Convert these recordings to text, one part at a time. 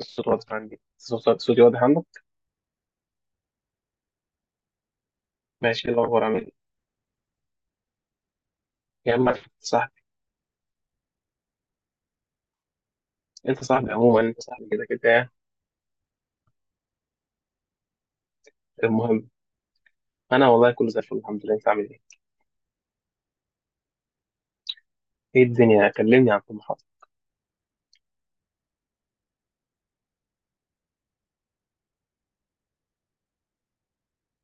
الصوت واضح عندي صوتي واضح عندك. ماشي، إيه الاخبار؟ عامل ايه يا عم أحمد، صاحبي؟ انت صاحبي عموما، انت صاحبي كده كده يعني. المهم، انا والله كله زي الفل الحمد لله. انت عامل ايه؟ ايه الدنيا؟ كلمني عن طموحاتك.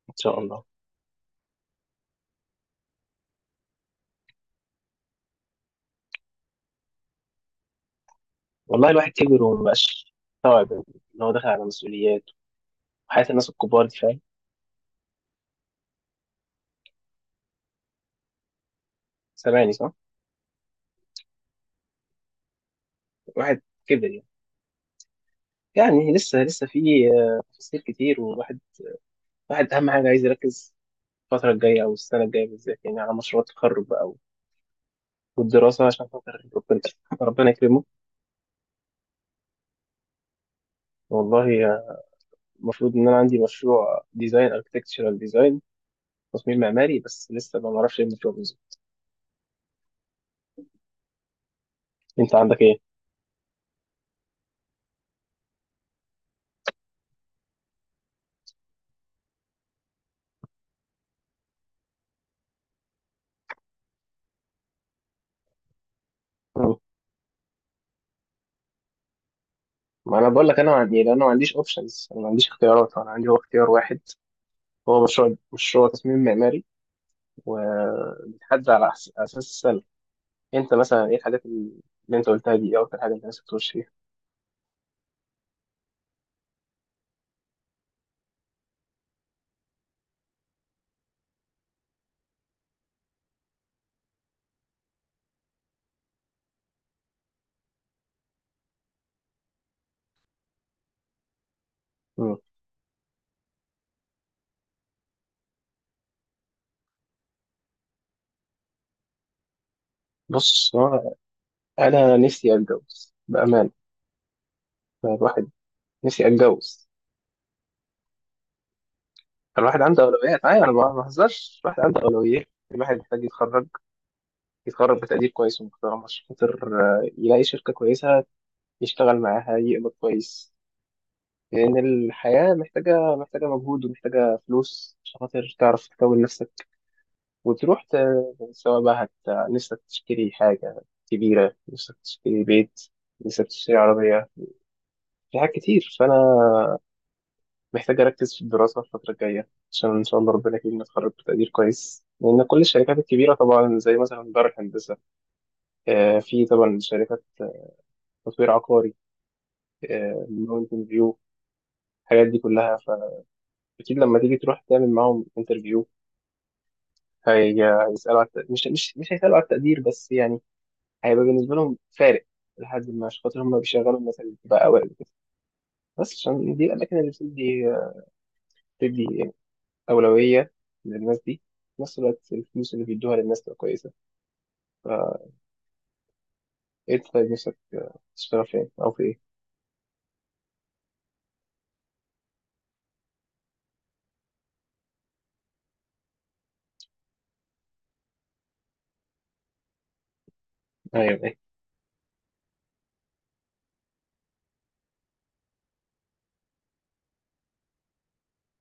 ان شاء الله. والله الواحد كبر ومبقاش مستوعب ان هو داخل على مسؤوليات وحياة الناس الكبار دي، فاهم؟ سامعني صح؟ الواحد كبر يعني، يعني لسه في تفاصيل كتير، والواحد، الواحد اهم حاجه عايز يركز الفتره الجايه او السنه الجايه بالذات يعني على مشروع التخرج بقى والدراسه عشان خاطر ربنا. ربنا يكرمه. والله المفروض ان انا عندي مشروع ديزاين، اركتكتشرال ديزاين، تصميم معماري، بس لسه ما اعرفش ايه المشروع بالظبط. انت عندك ايه؟ مم. ما انا بقول لك انا ما عندي إيه، لان انا ما عنديش اوبشنز، انا ما عنديش اختيارات، انا عندي هو اختيار واحد، هو مشروع، مشروع تصميم معماري، وبيتحدد على اساس السنه. انت مثلا ايه الحاجات اللي انت قلتها دي؟ ايه اكتر حاجه انت نفسك تخش فيها؟ مم. بص، هو انا نفسي اتجوز بامان. الواحد، نفسي اتجوز. الواحد عنده اولويات، ايوه انا ما بهزرش، الواحد عنده اولويات، الواحد محتاج يتخرج، يتخرج بتقدير كويس ومحترم عشان خاطر يلاقي شركة كويسة يشتغل معاها، يقبض كويس، لأن الحياة محتاجة، محتاجة مجهود ومحتاجة فلوس عشان خاطر تعرف تكون نفسك وتروح سواء بقى نفسك تشتري حاجة كبيرة، نفسك تشتري بيت، نفسك تشتري عربية، في حاجات كتير. فأنا محتاج أركز في الدراسة الفترة الجاية عشان إن شاء الله ربنا يكرمني أتخرج بتقدير كويس، لأن كل الشركات الكبيرة طبعا زي مثلا دار الهندسة، في طبعا شركات تطوير عقاري، الماونتن فيو، الحاجات دي كلها. فأكيد لما تيجي تروح تعمل معاهم انترفيو، هيسألوا على الت- مش مش مش هيسألوا على التقدير بس يعني، هيبقى بالنسبة لهم فارق لحد ما، عشان خاطر هم بيشغلوا الناس اللي بتبقى أوائل كده. بس عشان دي الأماكن اللي بتدي، بتدي أولوية للناس دي. في نفس الوقت الفلوس اللي بيدوها للناس تبقى كويسة. فإيه، طيب نفسك تشتغل فين أو في إيه؟ أيوه، أيوه.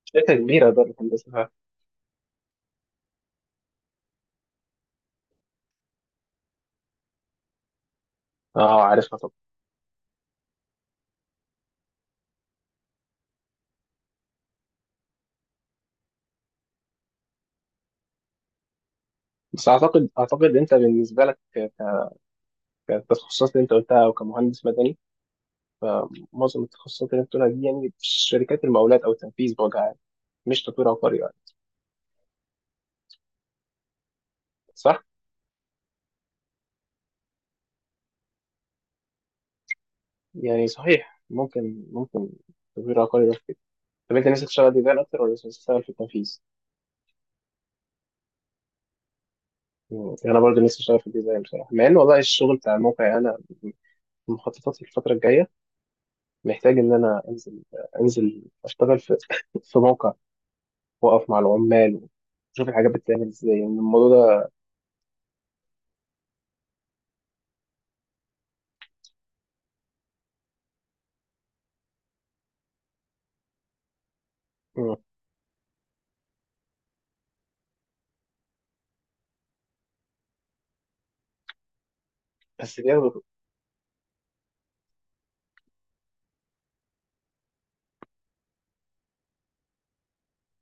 شركة كبيرة دار الهندسة. اه عارفها طبعا. بس أعتقد، أعتقد أنت بالنسبة لك كالتخصصات اللي انت قلتها او كمهندس مدني، فمعظم التخصصات اللي انت قلتها دي يعني في شركات المقاولات او التنفيذ بوجه عام، مش تطوير عقاري يعني. صح؟ يعني صحيح، ممكن، ممكن تطوير عقاري بس كده. طب انت نفسك تشتغل ديزاين اكتر ولا نفسك تشتغل في التنفيذ؟ مم. انا برضه نفسي اشتغل في الديزاين بصراحه، مع ان والله الشغل بتاع الموقع، يعني انا مخططاتي الفتره الجايه محتاج ان انا انزل، انزل اشتغل في في موقع، واقف مع العمال، واشوف الحاجات بتتعمل ازاي، يعني الموضوع ده. مم. بس بياخد،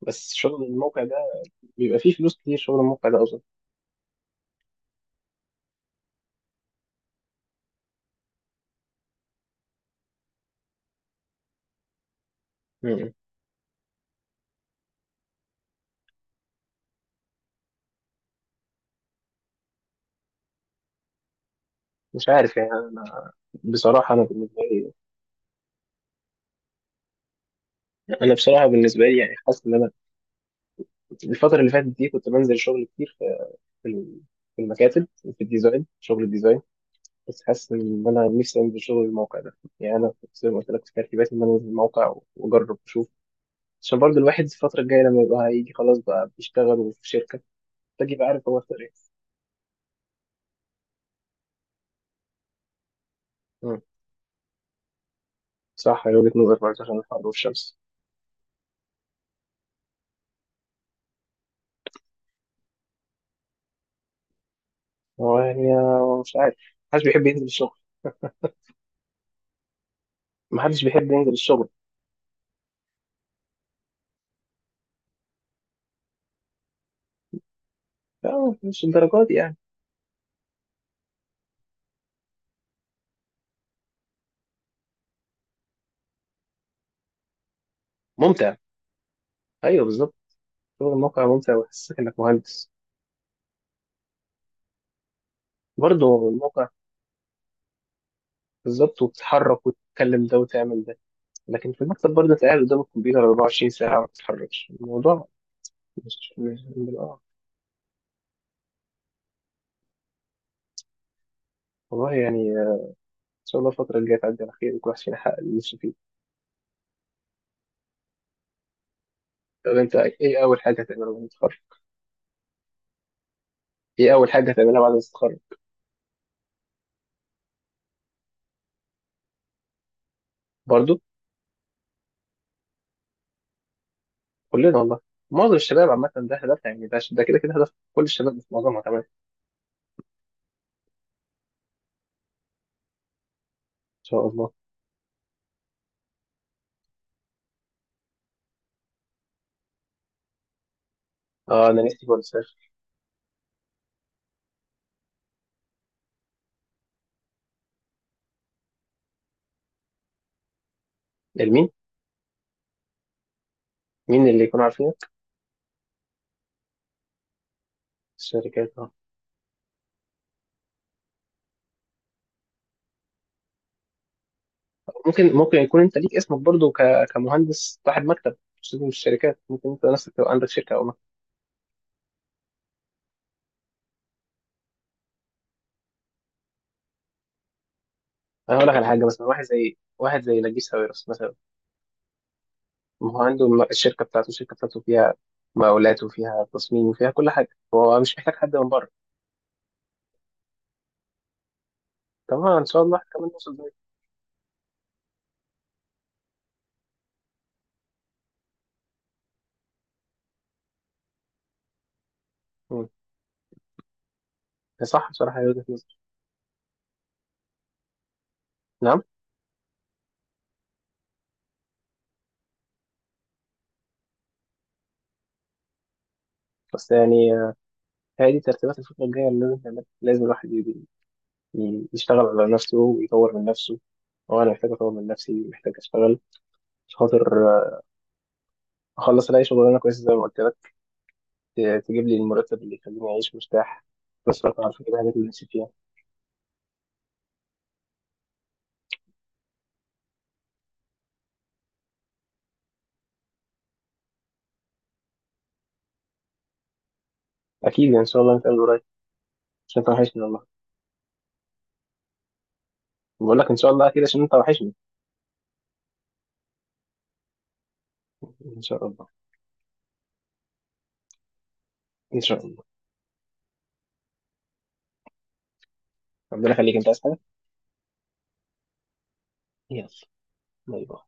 بس شغل الموقع ده بيبقى فيه فلوس كتير، شغل الموقع ده أظن. مم. مش عارف يعني. أنا بصراحة، أنا بالنسبة لي، أنا بصراحة بالنسبة لي يعني حاسس إن أنا الفترة اللي فاتت دي كنت بنزل شغل كتير في، في ال- في المكاتب، في الديزاين، شغل الديزاين. بس حاسس إن أنا نفسي أنزل شغل الموقع ده، يعني أنا كنت زي ما قلت لك في ترتيباتي إن أنا أنزل الموقع وأجرب وأشوف، عشان برضه الواحد الفترة الجاية لما يبقى هيجي خلاص بقى بيشتغل في شركة محتاج يبقى عارف هو اختار إيه. مم. صح، هي وجهة نظر برضه عشان الحر والشمس. هو يعني مش عارف. محدش بيحب ينزل الشغل. ما حدش بيحب ينزل الشغل. لا، مش الدرجات دي يعني. ممتع. ايوه بالظبط، شغل الموقع ممتع ويحسسك انك مهندس. برضه الموقع، بالظبط، وبتتحرك وتتكلم ده وتعمل ده، لكن في المكتب برضه انت قاعد قدام الكمبيوتر 24 ساعة ما بتتحركش الموضوع. مش مش آه. والله يعني، ان شاء الله الفترة الجاية تعدي على خير وكل واحد فينا يحقق اللي نفسه فيه. طب انت ايه اول حاجة هتعملها بعد ما تتخرج؟ ايه اول حاجة هتعملها بعد ما تتخرج؟ برضه. كلنا والله، معظم الشباب عامة ده هدفها، يعني ده، ده كده كده هدف كل الشباب في معظمها كمان. ان شاء الله. اه انا نفسي برضه اسافر. لمين؟ مين اللي يكون عارفينه؟ الشركات، اه. ممكن، ممكن يكون انت ليك اسمك برضه كمهندس صاحب مكتب، مش لازم الشركات، ممكن انت نفسك تبقى عندك شركه او مكتب. انا هقول لك على حاجه، مثلا واحد زي، واحد زي نجيب ساويرس مثلا، ما هو عنده الشركه بتاعته، الشركه بتاعته فيها مقاولات وفيها تصميم وفيها كل حاجه، هو مش محتاج حد من بره. طبعا ان شاء الله احنا كمان نوصل زي. مم. صح بصراحه، هي وجهه نظر. نعم. بس يعني هي دي ترتيبات الفتره الجايه اللي لازم نعملها. لازم الواحد يشتغل على نفسه ويطور من نفسه. هو انا محتاج اطور من نفسي، محتاج اشتغل عشان خاطر اخلص الاقي شغلانه كويسه زي ما قلت لك، تجيب لي المرتب اللي يخليني اعيش مرتاح. بس لو اعرف اجيب الحاجات اللي نفسي فيها. اكيد يعني ان شاء الله نتقابل قريب، عشان انت وحشني والله. بقول لك ان شاء الله اكيد، عشان انت وحشني. ان شاء الله. ان شاء الله. ربنا يخليك، انت عايز حاجه. يلا، باي باي.